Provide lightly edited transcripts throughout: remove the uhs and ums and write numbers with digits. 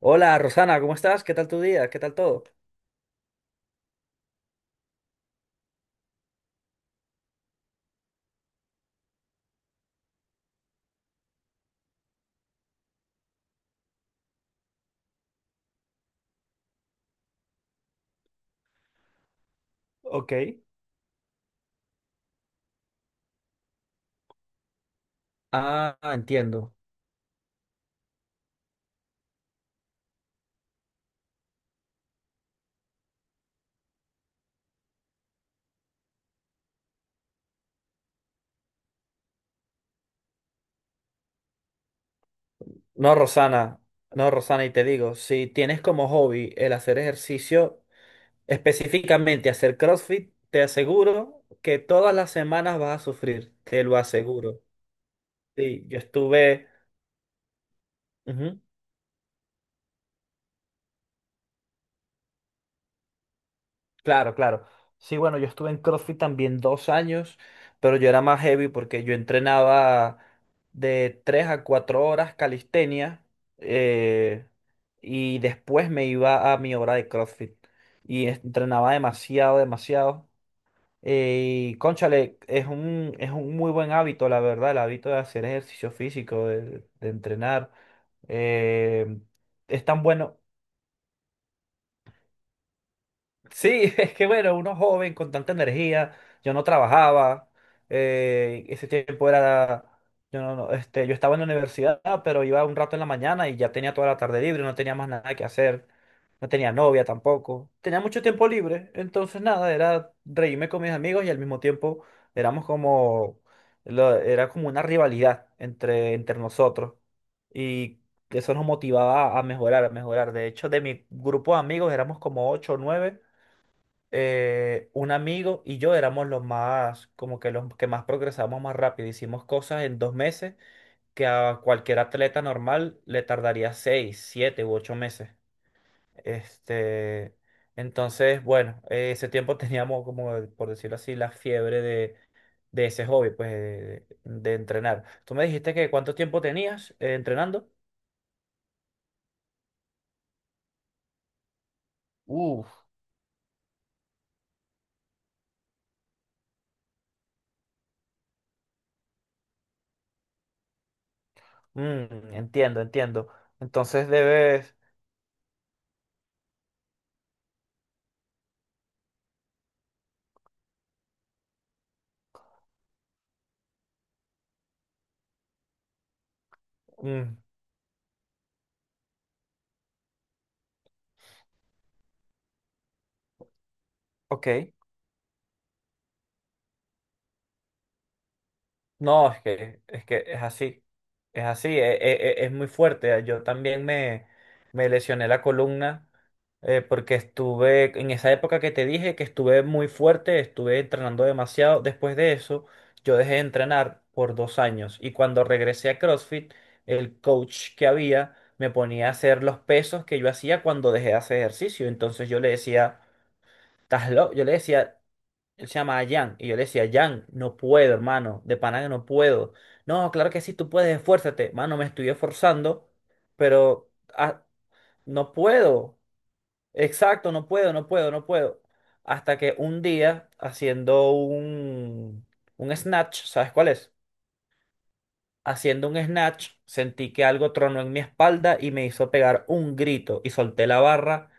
Hola, Rosana, ¿cómo estás? ¿Qué tal tu día? ¿Qué tal todo? Ok. Ah, entiendo. No, Rosana, no, Rosana, y te digo, si tienes como hobby el hacer ejercicio, específicamente hacer CrossFit, te aseguro que todas las semanas vas a sufrir, te lo aseguro. Sí, yo estuve. Ujú. Claro, claro. Sí, bueno, yo estuve en CrossFit también 2 años, pero yo era más heavy porque yo entrenaba de 3 a 4 horas calistenia eh, y después me iba a mi hora de CrossFit y entrenaba demasiado, demasiado. Y cónchale, es un muy buen hábito, la verdad, el hábito de hacer ejercicio físico, de entrenar. Eh, es tan bueno. Sí, es que bueno, uno joven con tanta energía, yo no trabajaba, ese tiempo era, yo no, no, yo estaba en la universidad, pero iba un rato en la mañana y ya tenía toda la tarde libre, no tenía más nada que hacer, no tenía novia tampoco, tenía mucho tiempo libre, entonces nada, era reírme con mis amigos y al mismo tiempo éramos como, era como una rivalidad entre nosotros y eso nos motivaba a mejorar, a mejorar. De hecho, de mi grupo de amigos éramos como ocho o nueve un amigo y yo éramos los más, como que los que más progresamos más rápido. Hicimos cosas en 2 meses que a cualquier atleta normal le tardaría 6, 7 u 8 meses. Este, entonces, bueno, ese tiempo teníamos, como por decirlo así, la fiebre de ese hobby, pues, de entrenar. Tú me dijiste que cuánto tiempo tenías entrenando. Uf, entiendo, entiendo. Entonces debes. Mm. Ok. No, es que es así, es, muy fuerte. Yo también me lesioné la columna porque estuve, en esa época que te dije que estuve muy fuerte, estuve entrenando demasiado. Después de eso, yo dejé de entrenar por 2 años y cuando regresé a CrossFit, el coach que había me ponía a hacer los pesos que yo hacía cuando dejé de hacer ejercicio. Entonces yo le decía, ¿estás loco? Yo le decía. Él se llama Jan. Y yo le decía, Jan, no puedo, hermano. De pana que no puedo. No, claro que sí, tú puedes, esfuérzate. Mano, me estoy esforzando, pero ah, no puedo. Exacto, no puedo, no puedo, no puedo. Hasta que un día, haciendo un snatch, ¿sabes cuál es? Haciendo un snatch, sentí que algo tronó en mi espalda y me hizo pegar un grito y solté la barra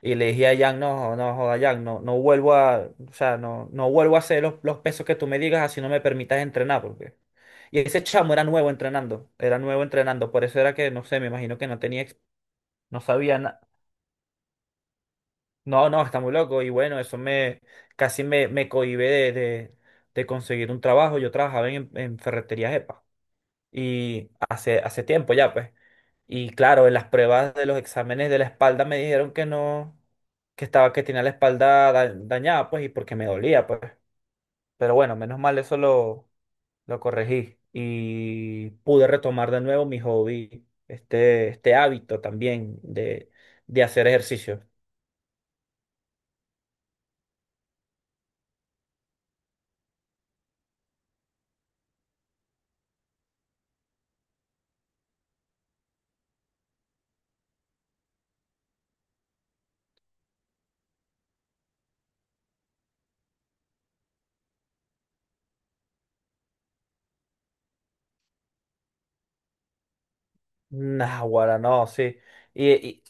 y le dije a Jan, no, no, joda, Jan, no, no vuelvo a, o sea, no, no vuelvo a hacer los pesos que tú me digas, así no me permitas entrenar, porque. Y ese chamo era nuevo entrenando, por eso era que, no sé, me imagino que no tenía, no sabía nada. No, no, está muy loco y bueno, eso casi me cohíbe de conseguir un trabajo. Yo trabajaba en ferretería y hace tiempo ya, pues. Y claro, en las pruebas de los exámenes de la espalda me dijeron que no, que estaba, que tenía la espalda dañada, pues, y porque me dolía, pues. Pero bueno, menos mal eso lo corregí y pude retomar de nuevo mi hobby, este hábito también de hacer ejercicio. Naguará, no, sí. Y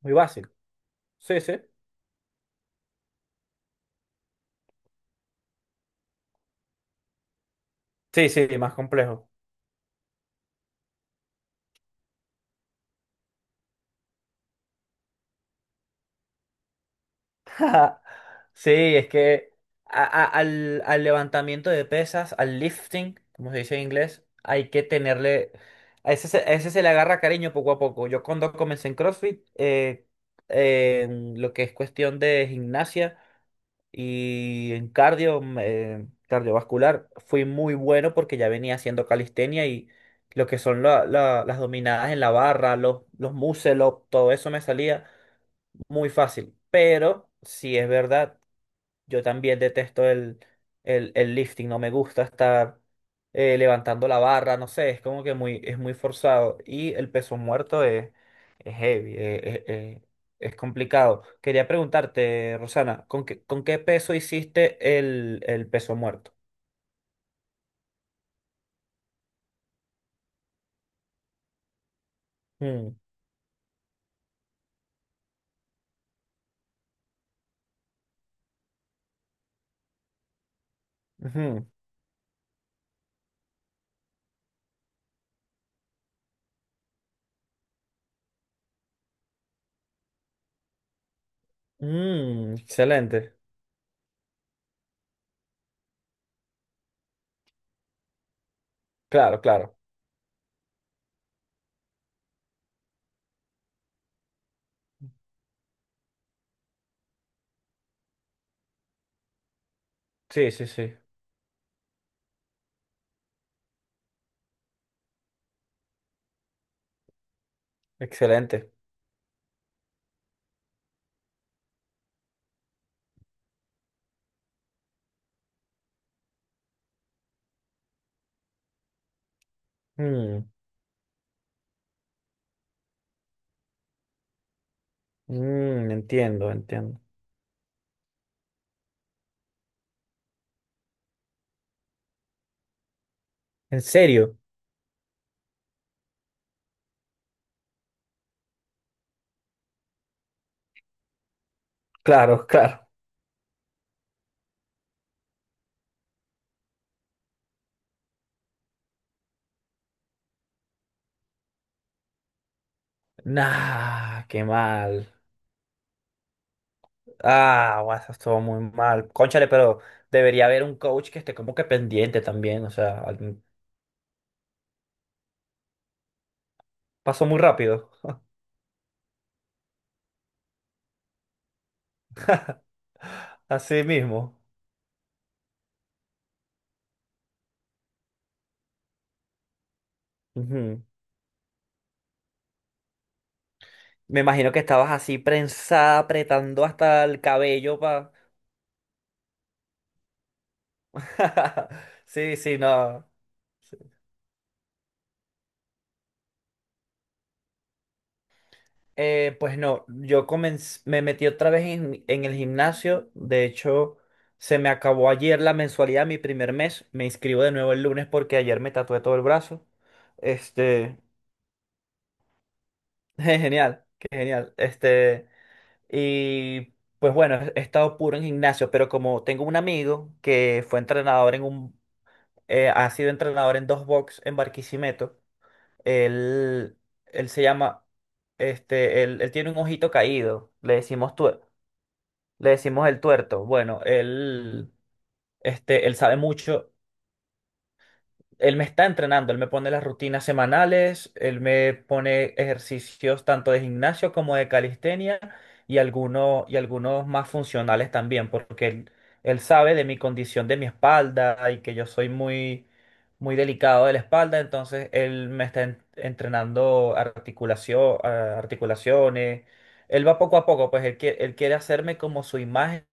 muy básico. Sí, sí. Sí, sí, más complejo. Sí, es que al levantamiento de pesas, al lifting, como se dice en inglés, hay que tenerle. A ese se le agarra cariño poco a poco. Yo cuando comencé en CrossFit, en lo que es cuestión de gimnasia y en cardio, cardiovascular, fui muy bueno porque ya venía haciendo calistenia y lo que son las dominadas en la barra, los muscle up, todo eso me salía muy fácil. Pero, si es verdad. Yo también detesto el lifting, no me gusta estar levantando la barra, no sé, es como que muy, es muy forzado. Y el peso muerto es heavy, es complicado. Quería preguntarte, Rosana, ¿con qué peso hiciste el peso muerto? Mm, ujú. Mm, excelente. Claro, claro. Sí, sí, sí. Excelente. Mm, mm, entiendo, entiendo. ¿En serio? Claro, claro. Nah, qué mal. Ah, guau, eso estuvo muy mal. Cónchale, pero debería haber un coach que esté como que pendiente también. O sea, pasó muy rápido. Así mismo. Ujú. Me imagino que estabas así prensada, apretando hasta el cabello pa. Sí, sí, no. Pues no, yo comencé, me metí otra vez en el gimnasio. De hecho, se me acabó ayer la mensualidad, mi primer mes. Me inscribo de nuevo el lunes porque ayer me tatué todo el brazo. Este, qué genial, qué genial. Y pues bueno, he estado puro en gimnasio, pero como tengo un amigo que fue entrenador en un, ha sido entrenador en dos box en Barquisimeto, él, él se llama, él tiene un ojito caído, le decimos tú. Le decimos el tuerto. Bueno, él sabe mucho. Él me está entrenando, él me pone las rutinas semanales, él me pone ejercicios tanto de gimnasio como de calistenia y algunos más funcionales también, porque él sabe de mi condición de mi espalda y que yo soy muy, muy delicado de la espalda, entonces él me está entrenando articulación, articulaciones. Él va poco a poco, pues él quiere hacerme como su imagen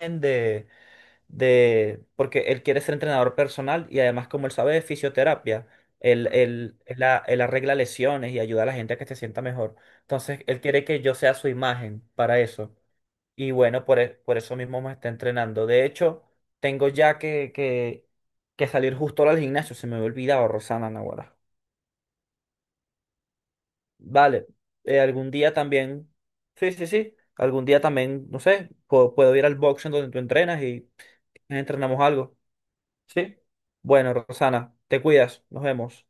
de, porque él quiere ser entrenador personal y además como él sabe de fisioterapia, él arregla lesiones y ayuda a la gente a que se sienta mejor. Entonces, él quiere que yo sea su imagen para eso. Y bueno, por eso mismo me está entrenando. De hecho, tengo ya que salir justo ahora al gimnasio, se me había olvidado, Rosana Naguará. Vale, algún día también, sí, sí, sí, algún día también, no sé, puedo ir al box en donde tú entrenas y entrenamos algo. ¿Sí? Bueno, Rosana, te cuidas. Nos vemos.